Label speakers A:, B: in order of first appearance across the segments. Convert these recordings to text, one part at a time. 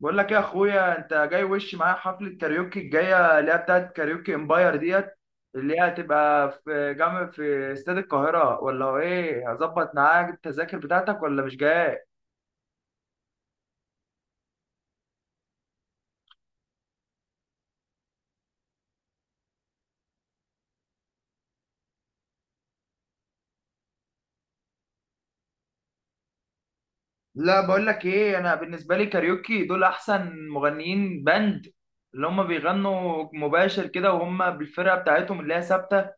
A: بقول لك إيه يا اخويا، انت جاي وش معايا حفله كاريوكي الجايه اللي هي بتاعت كاريوكي امباير ديت؟ اللي هي هتبقى في جامع في استاد القاهره، ولا هو ايه؟ هظبط معاك التذاكر بتاعتك ولا مش جاي؟ لا، بقول لك ايه، انا بالنسبه لي كاريوكي دول احسن مغنيين باند، اللي هم بيغنوا مباشر كده وهم بالفرقه بتاعتهم اللي هي ثابته.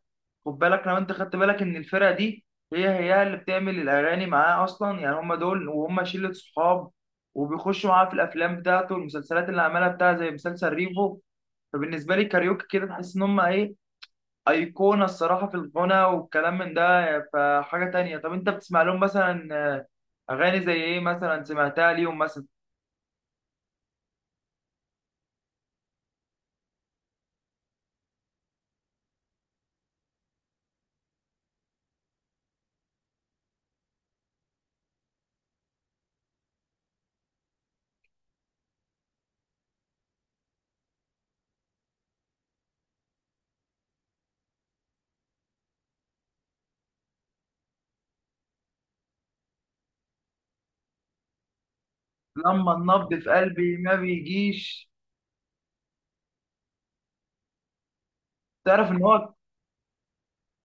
A: خد بالك، لو انت خدت بالك ان الفرقه دي هي هي اللي بتعمل الاغاني معاه اصلا، يعني هم دول وهم شله صحاب، وبيخشوا معاه في الافلام بتاعته والمسلسلات اللي عملها بتاعه زي مسلسل ريفو. فبالنسبه لي كاريوكي كده تحس ان هم ايه، ايقونه الصراحه في الغنى والكلام من ده. فحاجه تانية، طب انت بتسمع لهم مثلا اغاني زي ايه مثلا سمعتها ليهم مثلا؟ لما النبض في قلبي ما بيجيش. تعرف ان هو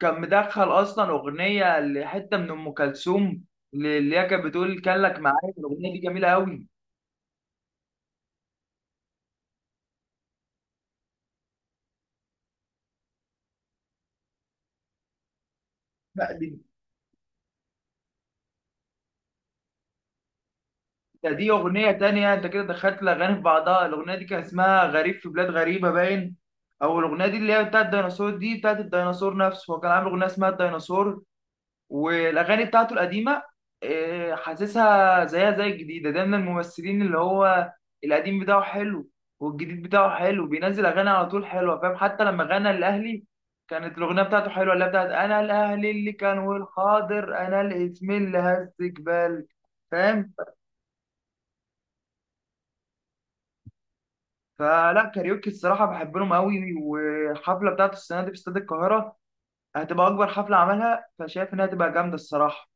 A: كان مدخل اصلا اغنيه لحته من ام كلثوم، اللي هي كانت بتقول كان لك معايا. الاغنيه دي جميله قوي. لا، دي، دي اغنيه تانية، انت كده دخلت الاغاني في بعضها. الاغنيه دي كان اسمها غريب في بلاد غريبه باين، او الاغنيه دي اللي هي بتاعت الديناصور، دي بتاعت الديناصور نفسه، هو كان عامل اغنيه اسمها الديناصور. والاغاني بتاعته القديمه حاسسها زيها زي الجديده، ده من الممثلين اللي هو القديم بتاعه حلو، والجديد بتاعه حلو بينزل اغاني على طول حلوه، فاهم. حتى لما غنى الاهلي كانت الاغنيه بتاعته حلوه، اللي هي بتاعت انا الاهلي اللي كان والحاضر انا الاسم اللي هزك بالك، فاهم. فلا، كاريوكي الصراحه بحب لهم قوي، والحفله بتاعته السنه دي في استاد القاهره هتبقى اكبر حفله عملها، فشايف انها هتبقى جامده الصراحه.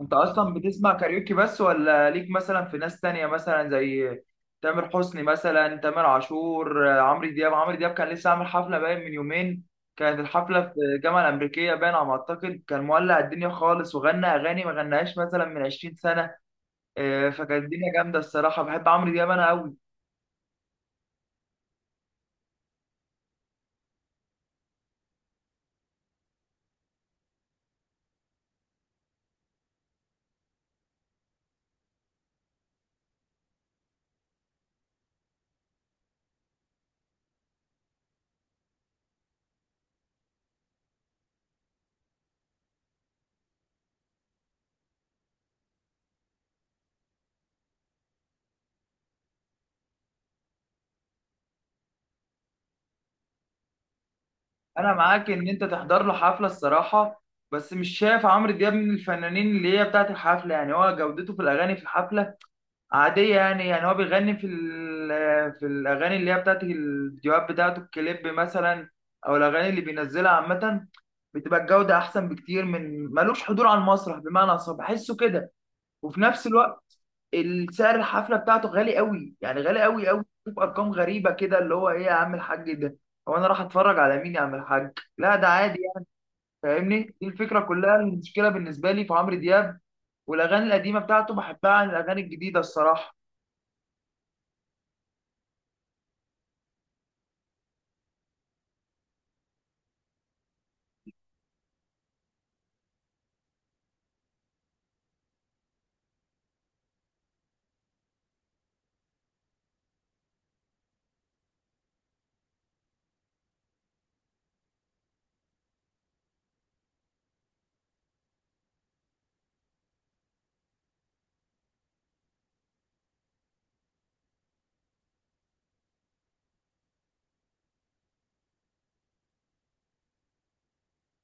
A: انت اصلا بتسمع كاريوكي بس، ولا ليك مثلا في ناس تانية مثلا زي تامر حسني مثلا، تامر عاشور، عمرو دياب. عمرو دياب كان لسه عامل حفلة باين من يومين، كانت الحفلة في الجامعة الأمريكية باين على ما أعتقد، كان مولع الدنيا خالص، وغنى أغاني ما غناهاش مثلا من 20 سنة. فكانت الدنيا جامدة الصراحة، بحب عمرو دياب أنا أوي. أنا معاك إن أنت تحضر له حفلة الصراحة، بس مش شايف عمرو دياب من الفنانين اللي هي بتاعت الحفلة، يعني هو جودته في الأغاني في الحفلة عادية، يعني يعني هو بيغني في الأغاني اللي هي بتاعت الفيديوهات بتاعته الكليب مثلا، أو الأغاني اللي بينزلها عامة. بتبقى الجودة أحسن بكتير، من ملوش حضور على المسرح بمعنى أصح، بحسه كده. وفي نفس الوقت السعر الحفلة بتاعته غالي قوي، يعني غالي قوي قوي، بشوف أرقام غريبة كده اللي هو إيه يا عم الحاج ده، هو أنا راح أتفرج على مين يا عم الحاج؟ لا ده عادي يعني، فاهمني؟ دي الفكرة كلها، المشكلة بالنسبة لي في عمرو دياب، والأغاني القديمة بتاعته بحبها عن الأغاني الجديدة الصراحة.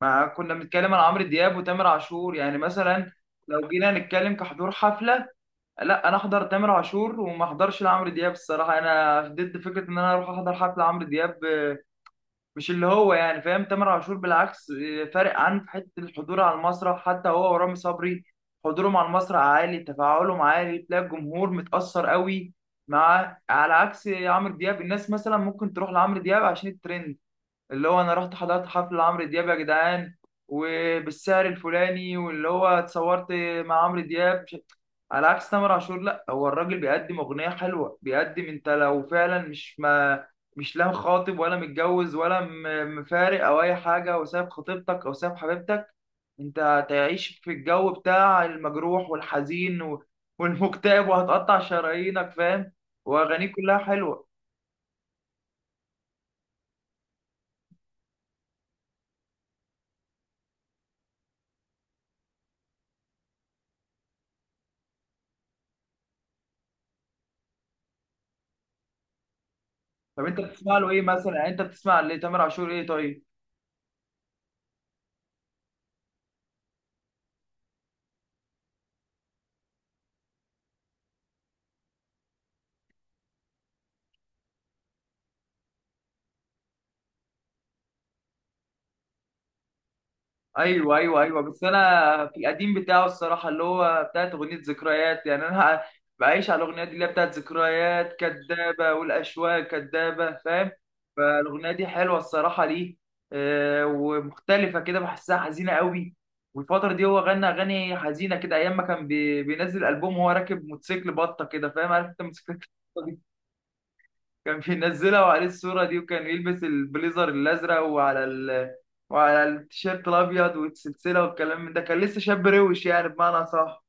A: ما كنا بنتكلم عن عمرو دياب وتامر عاشور، يعني مثلا لو جينا نتكلم كحضور حفلة، لا انا احضر تامر عاشور وما احضرش لعمرو دياب الصراحة، انا ضد فكرة ان انا اروح احضر حفلة عمرو دياب. مش اللي هو يعني، فاهم؟ تامر عاشور بالعكس، فارق عن في حتة الحضور على المسرح، حتى هو ورامي صبري حضورهم على المسرح عالي، تفاعلهم عالي، تلاقي الجمهور متأثر قوي. مع على عكس عمرو دياب، الناس مثلا ممكن تروح لعمرو دياب عشان الترند، اللي هو انا رحت حضرت حفل عمرو دياب يا جدعان، وبالسعر الفلاني، واللي هو اتصورت مع عمرو دياب. على عكس تامر عاشور، لا هو الراجل بيقدم اغنيه حلوه، بيقدم، انت لو فعلا مش ما مش لا خاطب ولا متجوز ولا مفارق او اي حاجه، او ساب خطيبتك او ساب حبيبتك، انت هتعيش في الجو بتاع المجروح والحزين والمكتئب، وهتقطع شرايينك، فاهم، واغانيه كلها حلوه. طب انت بتسمع له ايه مثلا، يعني انت بتسمع لتامر عاشور ايه؟ طيب. ايوه، ايوه، ايوه، بس انا في القديم بتاعه الصراحه اللي هو بتاعت اغنيه ذكريات، يعني انا بعيش على الاغنيه دي اللي هي بتاعت ذكريات كدابه والاشواق كدابه، فاهم. فالاغنيه دي حلوه الصراحه ليه، ومختلفه كده بحسها حزينه قوي. والفتره دي هو غنى اغاني حزينه كده، ايام ما كان بينزل البوم وهو راكب موتوسيكل بطه كده، فاهم، عارف انت موتوسيكل، كان بينزلها وعليه الصورة دي، وكان يلبس البليزر الأزرق وعلى التيشيرت الأبيض والسلسلة والكلام من ده، كان لسه شاب روش يعني بمعنى صح.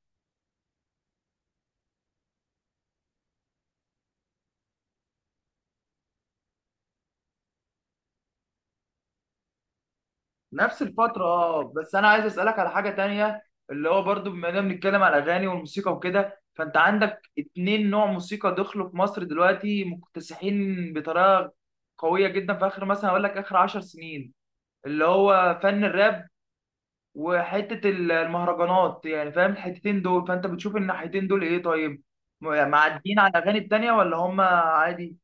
A: نفس الفترة، اه، بس أنا عايز أسألك على حاجة تانية، اللي هو برضو بما إننا بنتكلم على الأغاني والموسيقى وكده، فأنت عندك اتنين نوع موسيقى دخلوا في مصر دلوقتي مكتسحين بطريقة قوية جدا، في آخر مثلا أقول لك آخر 10 سنين، اللي هو فن الراب وحته المهرجانات يعني، فاهم الحتتين دول؟ فانت بتشوف الناحيتين دول ايه؟ طيب، يعني معديين على الاغاني التانيه ولا هم عادي؟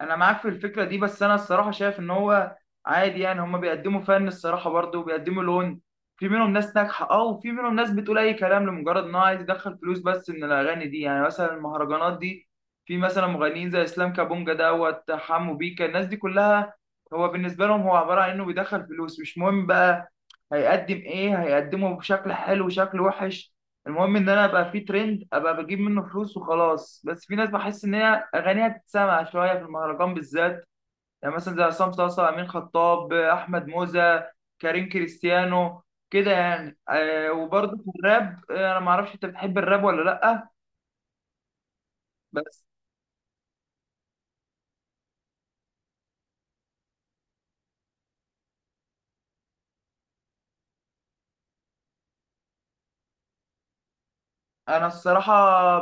A: انا معاك في الفكره دي، بس انا الصراحه شايف ان هو عادي يعني، هما بيقدموا فن الصراحه برضه، وبيقدموا لون. في منهم ناس ناجحه اه، وفي منهم ناس بتقول اي كلام لمجرد ان هو عايز يدخل فلوس بس من الاغاني دي، يعني مثلا المهرجانات دي، في مثلا مغنيين زي اسلام كابونجا دوت حمو بيكا، الناس دي كلها هو بالنسبه لهم هو عباره عن انه بيدخل فلوس. مش مهم بقى، هيقدم ايه، هيقدمه بشكل حلو شكل وحش، المهم ان انا ابقى في ترند، ابقى بجيب منه فلوس وخلاص. بس في ناس بحس ان هي اغانيها تتسمع شويه في المهرجان بالذات، يعني مثلا زي عصام صاصا، امين خطاب، احمد موزة، كريم كريستيانو، كده يعني. وبرضه في الراب، انا ما اعرفش انت بتحب الراب ولا لا؟ بس انا الصراحه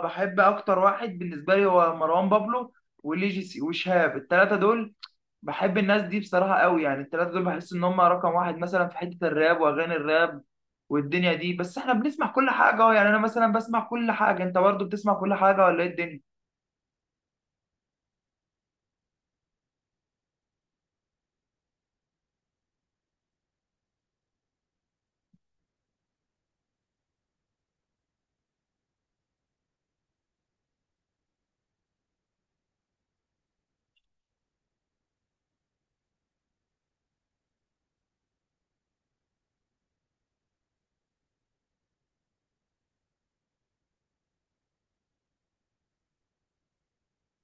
A: بحب اكتر واحد بالنسبه لي هو مروان بابلو، وليجيسي، وشهاب، الثلاثه دول بحب الناس دي بصراحة قوي، يعني التلاتة دول بحس إن هم رقم واحد مثلا في حتة الراب وأغاني الراب والدنيا دي. بس إحنا بنسمع كل حاجة أهو، يعني أنا مثلا بسمع كل حاجة، أنت برضو بتسمع كل حاجة ولا إيه الدنيا؟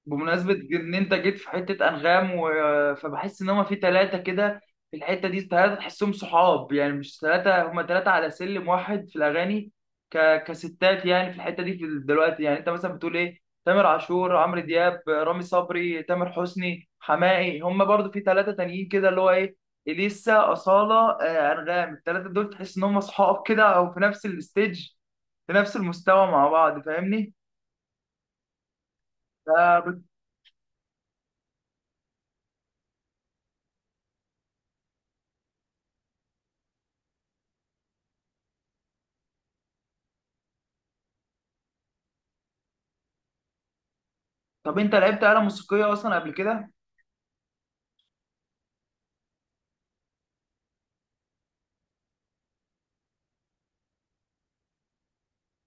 A: بمناسبة ان انت جيت في حتة انغام فبحس ان هما في ثلاثة كده في الحتة دي، ثلاثة تحسهم صحاب، يعني مش ثلاثة، هما ثلاثة على سلم واحد في الاغاني كستات يعني في الحتة دي، دلوقتي يعني انت مثلا بتقول ايه، تامر عاشور، عمرو دياب، رامي صبري، تامر حسني، حماقي، هما برضو في ثلاثة تانيين كده اللي هو ايه، اليسا، اصالة، انغام، الثلاثة دول تحس ان هما صحاب كده، او في نفس الستيج، في نفس المستوى مع بعض، فاهمني؟ طب انت لعبت آلة موسيقية اصلا قبل كده؟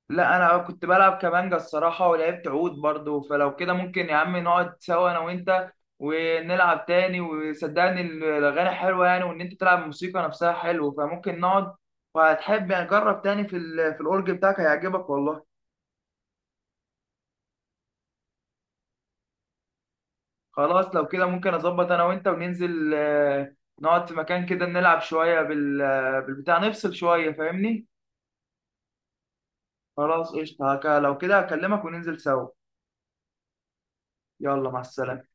A: لا، انا كنت بلعب كمانجا الصراحة، ولعبت عود برضو، فلو كده ممكن يا عم نقعد سوا انا وانت ونلعب تاني، وصدقني الاغاني حلوة يعني، وان انت تلعب الموسيقى نفسها حلو، فممكن نقعد وهتحب يعني، جرب تاني في الاورج بتاعك هيعجبك والله. خلاص لو كده ممكن اظبط انا وانت وننزل، نقعد في مكان كده نلعب شوية بالبتاع، نفصل شوية، فاهمني؟ خلاص قشطة، لو كده هكلمك وننزل سوا. يلا، مع السلامة.